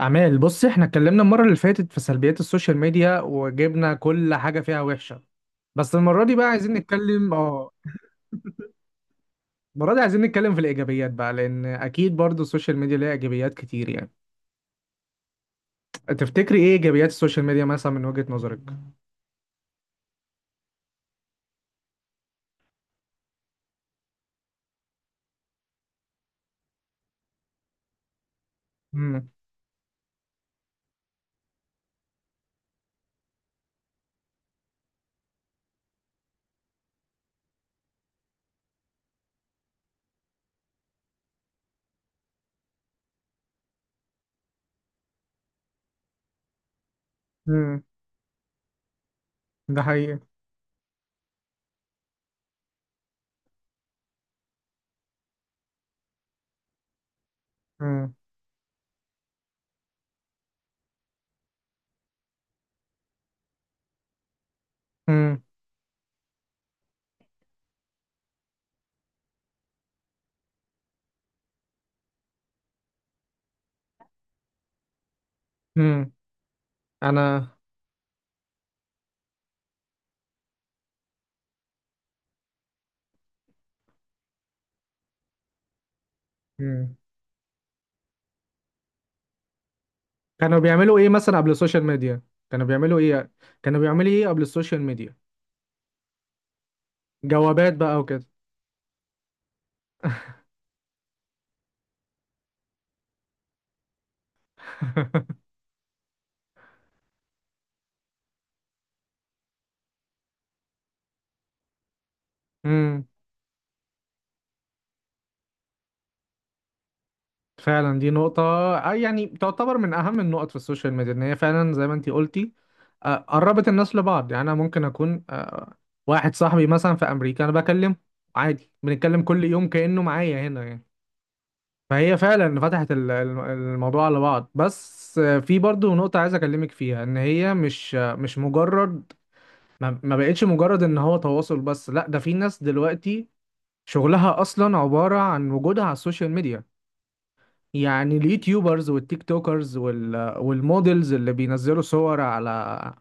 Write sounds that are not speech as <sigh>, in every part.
أعمال، بص احنا اتكلمنا المرة اللي فاتت في سلبيات السوشيال ميديا وجبنا كل حاجة فيها وحشة. بس المرة دي بقى عايزين نتكلم. اه المرة دي عايزين نتكلم في الإيجابيات بقى، لأن أكيد برضو السوشيال ميديا ليها إيجابيات كتير يعني. تفتكري إيه إيجابيات السوشيال ميديا مثلا من وجهة نظرك؟ امم. امم. ده حقيقي. امم. امم. امم. أنا. امم. كانوا بيعملوا إيه مثلا قبل السوشيال ميديا؟ كانوا بيعملوا إيه؟ كانوا بيعملوا إيه قبل السوشيال ميديا؟ جوابات بقى وكده. <laughs> فعلا دي نقطة. يعني تعتبر من أهم النقط في السوشيال ميديا إن هي فعلا زي ما أنتي قلتي. قربت الناس لبعض، يعني أنا ممكن أكون واحد صاحبي مثلا في أمريكا أنا بكلمه عادي، بنتكلم كل يوم كأنه معايا هنا يعني. فهي فعلا فتحت الموضوع على بعض. بس في برضو نقطة عايز أكلمك فيها، إن هي مش مش مجرد. ما بقتش مجرد إن هو تواصل بس، لا، ده في ناس دلوقتي شغلها أصلا عبارة عن وجودها على السوشيال ميديا. يعني اليوتيوبرز والتيك توكرز والمودلز اللي بينزلوا صور على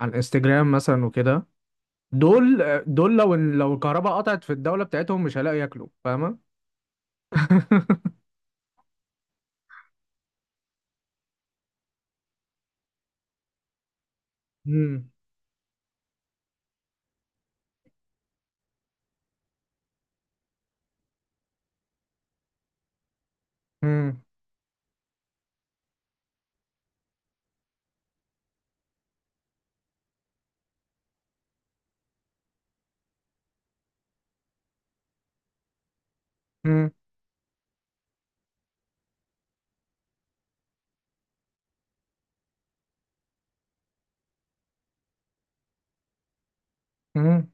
على الانستجرام مثلا وكده. دول، دول لو الكهرباء قطعت في الدولة بتاعتهم مش هيلاقوا ياكلوا، فاهمة؟ <laughs> مم. مم. مم. مم.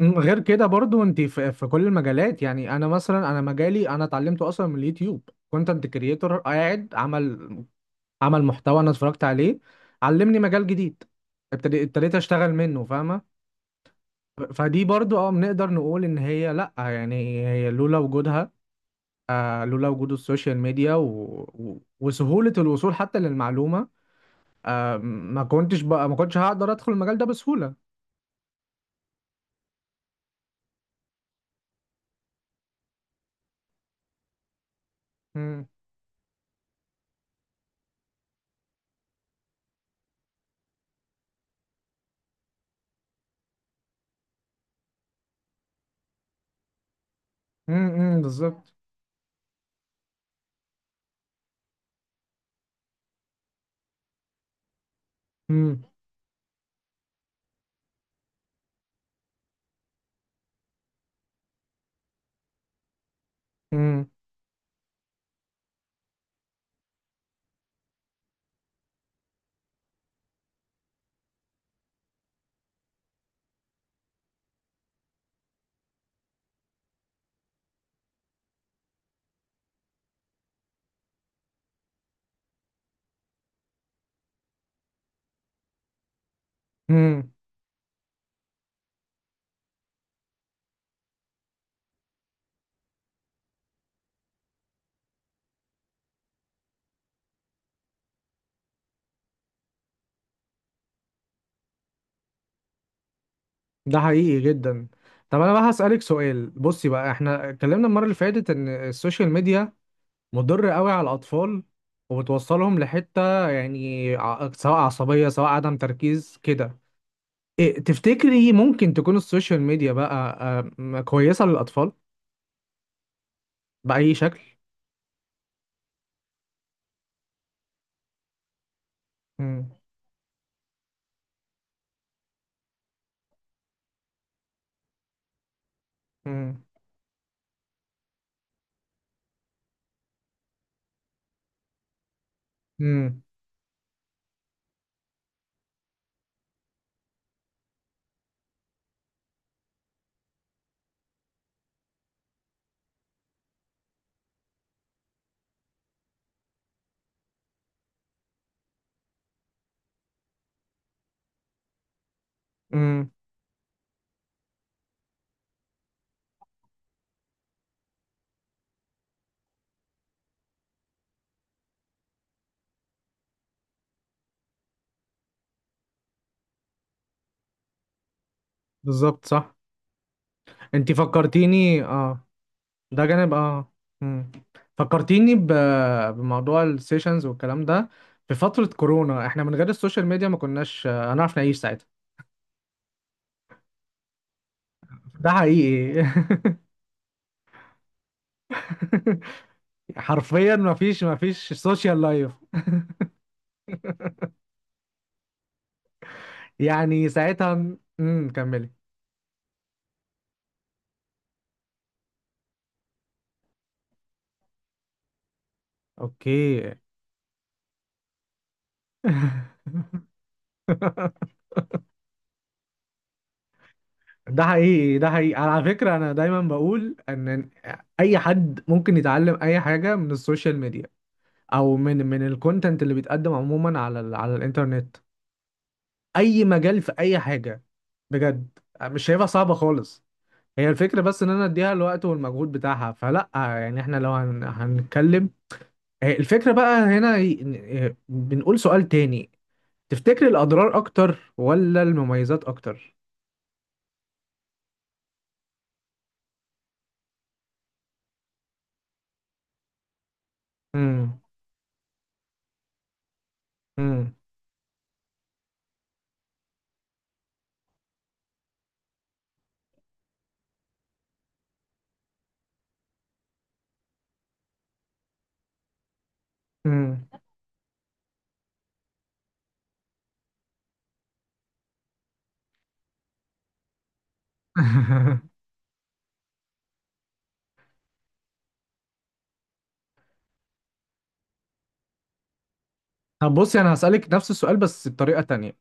مم. غير كده برضو انت في كل المجالات، يعني انا مثلا، انا مجالي انا اتعلمته اصلا من اليوتيوب. كونتنت كريتور قاعد عمل محتوى انا اتفرجت عليه، علمني مجال جديد. ابتديت اشتغل منه، فاهمة؟ فدي برضو بنقدر نقول ان هي، لا، يعني هي لولا وجودها، لولا وجود السوشيال ميديا وسهولة الوصول حتى للمعلومة. ما كنتش هقدر ادخل المجال ده بسهولة. امم. امم. بالظبط. امم. امم. امم. ده حقيقي جدا. طب انا بقى هسألك سؤال. بصي بقى، احنا اتكلمنا المرة اللي فاتت ان السوشيال ميديا مضر قوي على الاطفال، وبتوصلهم لحتة، يعني سواء عصبية سواء عدم تركيز كده. إيه تفتكري ممكن تكون السوشيال ميديا بقى كويسة للأطفال بأي شكل؟ مم. مم. مم. مم. بالظبط، صح. انتي فكرتيني، ده جانب، مم. فكرتيني بموضوع السيشنز والكلام ده. في فترة كورونا احنا من غير السوشيال ميديا ما كناش هنعرف نعيش ساعتها. ده حقيقي. <laughs> حرفيا ما فيش سوشيال لايف يعني ساعتها. امم، كملي. اوكي. <laughs> ده حقيقي، ده حقيقي. على فكرة أنا دايما بقول إن أي حد ممكن يتعلم أي حاجة من السوشيال ميديا، أو من الكونتنت اللي بيتقدم عموما على الإنترنت. أي مجال في أي حاجة، بجد. مش شايفها صعبة خالص. هي الفكرة بس إن أنا أديها الوقت والمجهود بتاعها. فلأ يعني. إحنا لو هنتكلم، الفكرة بقى هنا، بنقول سؤال تاني. تفتكر الأضرار أكتر ولا المميزات أكتر؟ امم. امم. امم. <laughs> طب بصي انا هسألك نفس السؤال بس بطريقة تانية.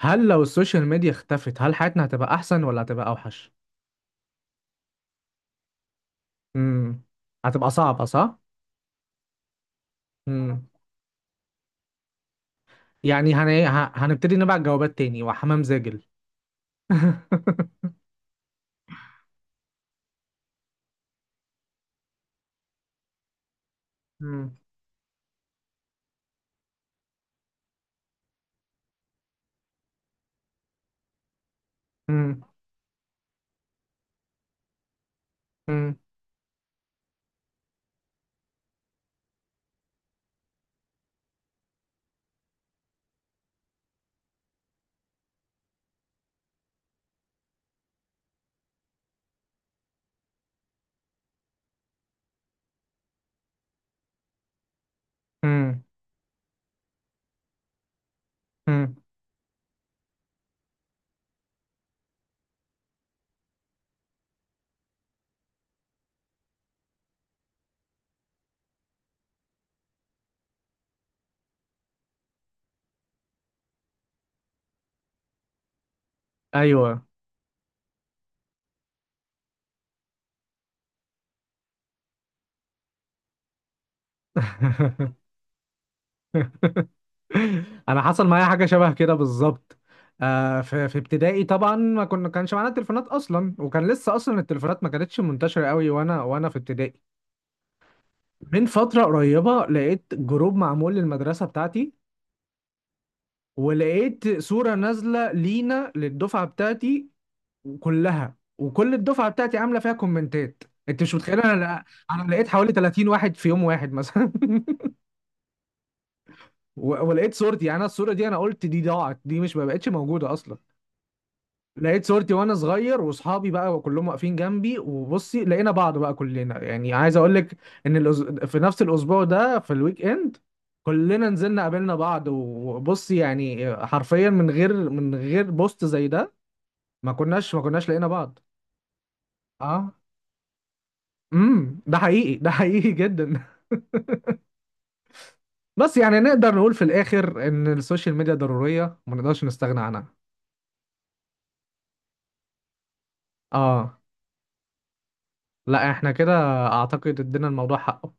هل لو السوشيال ميديا اختفت، هل حياتنا هتبقى احسن ولا هتبقى اوحش؟ امم. هتبقى صعبة، صح. امم. يعني هنبتدي نبعت جوابات تاني وحمام زاجل. <laughs> امم. امم. امم. امم. امم. ايوه. <laughs> انا حصل معايا حاجة شبه كده بالظبط. في ابتدائي طبعا، ما كنا كانش معانا تليفونات اصلا، وكان لسه اصلا التليفونات ما كانتش منتشرة قوي، وانا في ابتدائي. من فترة قريبة لقيت جروب معمول للمدرسة بتاعتي، ولقيت صورة نازلة لينا، للدفعة بتاعتي كلها، وكل الدفعة بتاعتي عاملة فيها كومنتات. انت مش متخيل، انا لقيت حوالي 30 واحد في يوم واحد مثلا. <laughs> ولقيت صورتي. يعني انا الصورة دي، انا قلت دي ضاعت، دي مش ما بقتش موجودة اصلا. لقيت صورتي وانا صغير، واصحابي بقى كلهم واقفين جنبي. وبصي لقينا بعض بقى كلنا. يعني عايز اقول لك ان في نفس الاسبوع ده، في الويك اند، كلنا نزلنا قابلنا بعض. وبصي يعني حرفيا، من غير بوست زي ده ما كناش لقينا بعض. اه. امم، ده حقيقي، ده حقيقي جدا. <laughs> بس يعني نقدر نقول في الاخر ان السوشيال ميديا ضرورية، ما نقدرش نستغنى عنها. اه. لا احنا كده اعتقد ادينا الموضوع حقه.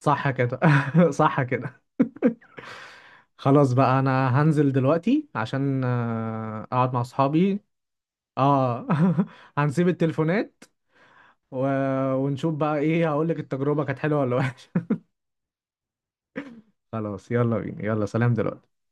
صح كده. <laughs> صح كده. <laughs> خلاص بقى، انا هنزل دلوقتي عشان اقعد مع اصحابي. اه. <laughs> هنسيب التليفونات و... ونشوف بقى ايه. هقول لك التجربة كانت حلوة ولا وحشة. <laughs> خلاص، يلا بينا، يلا سلام دلوقتي.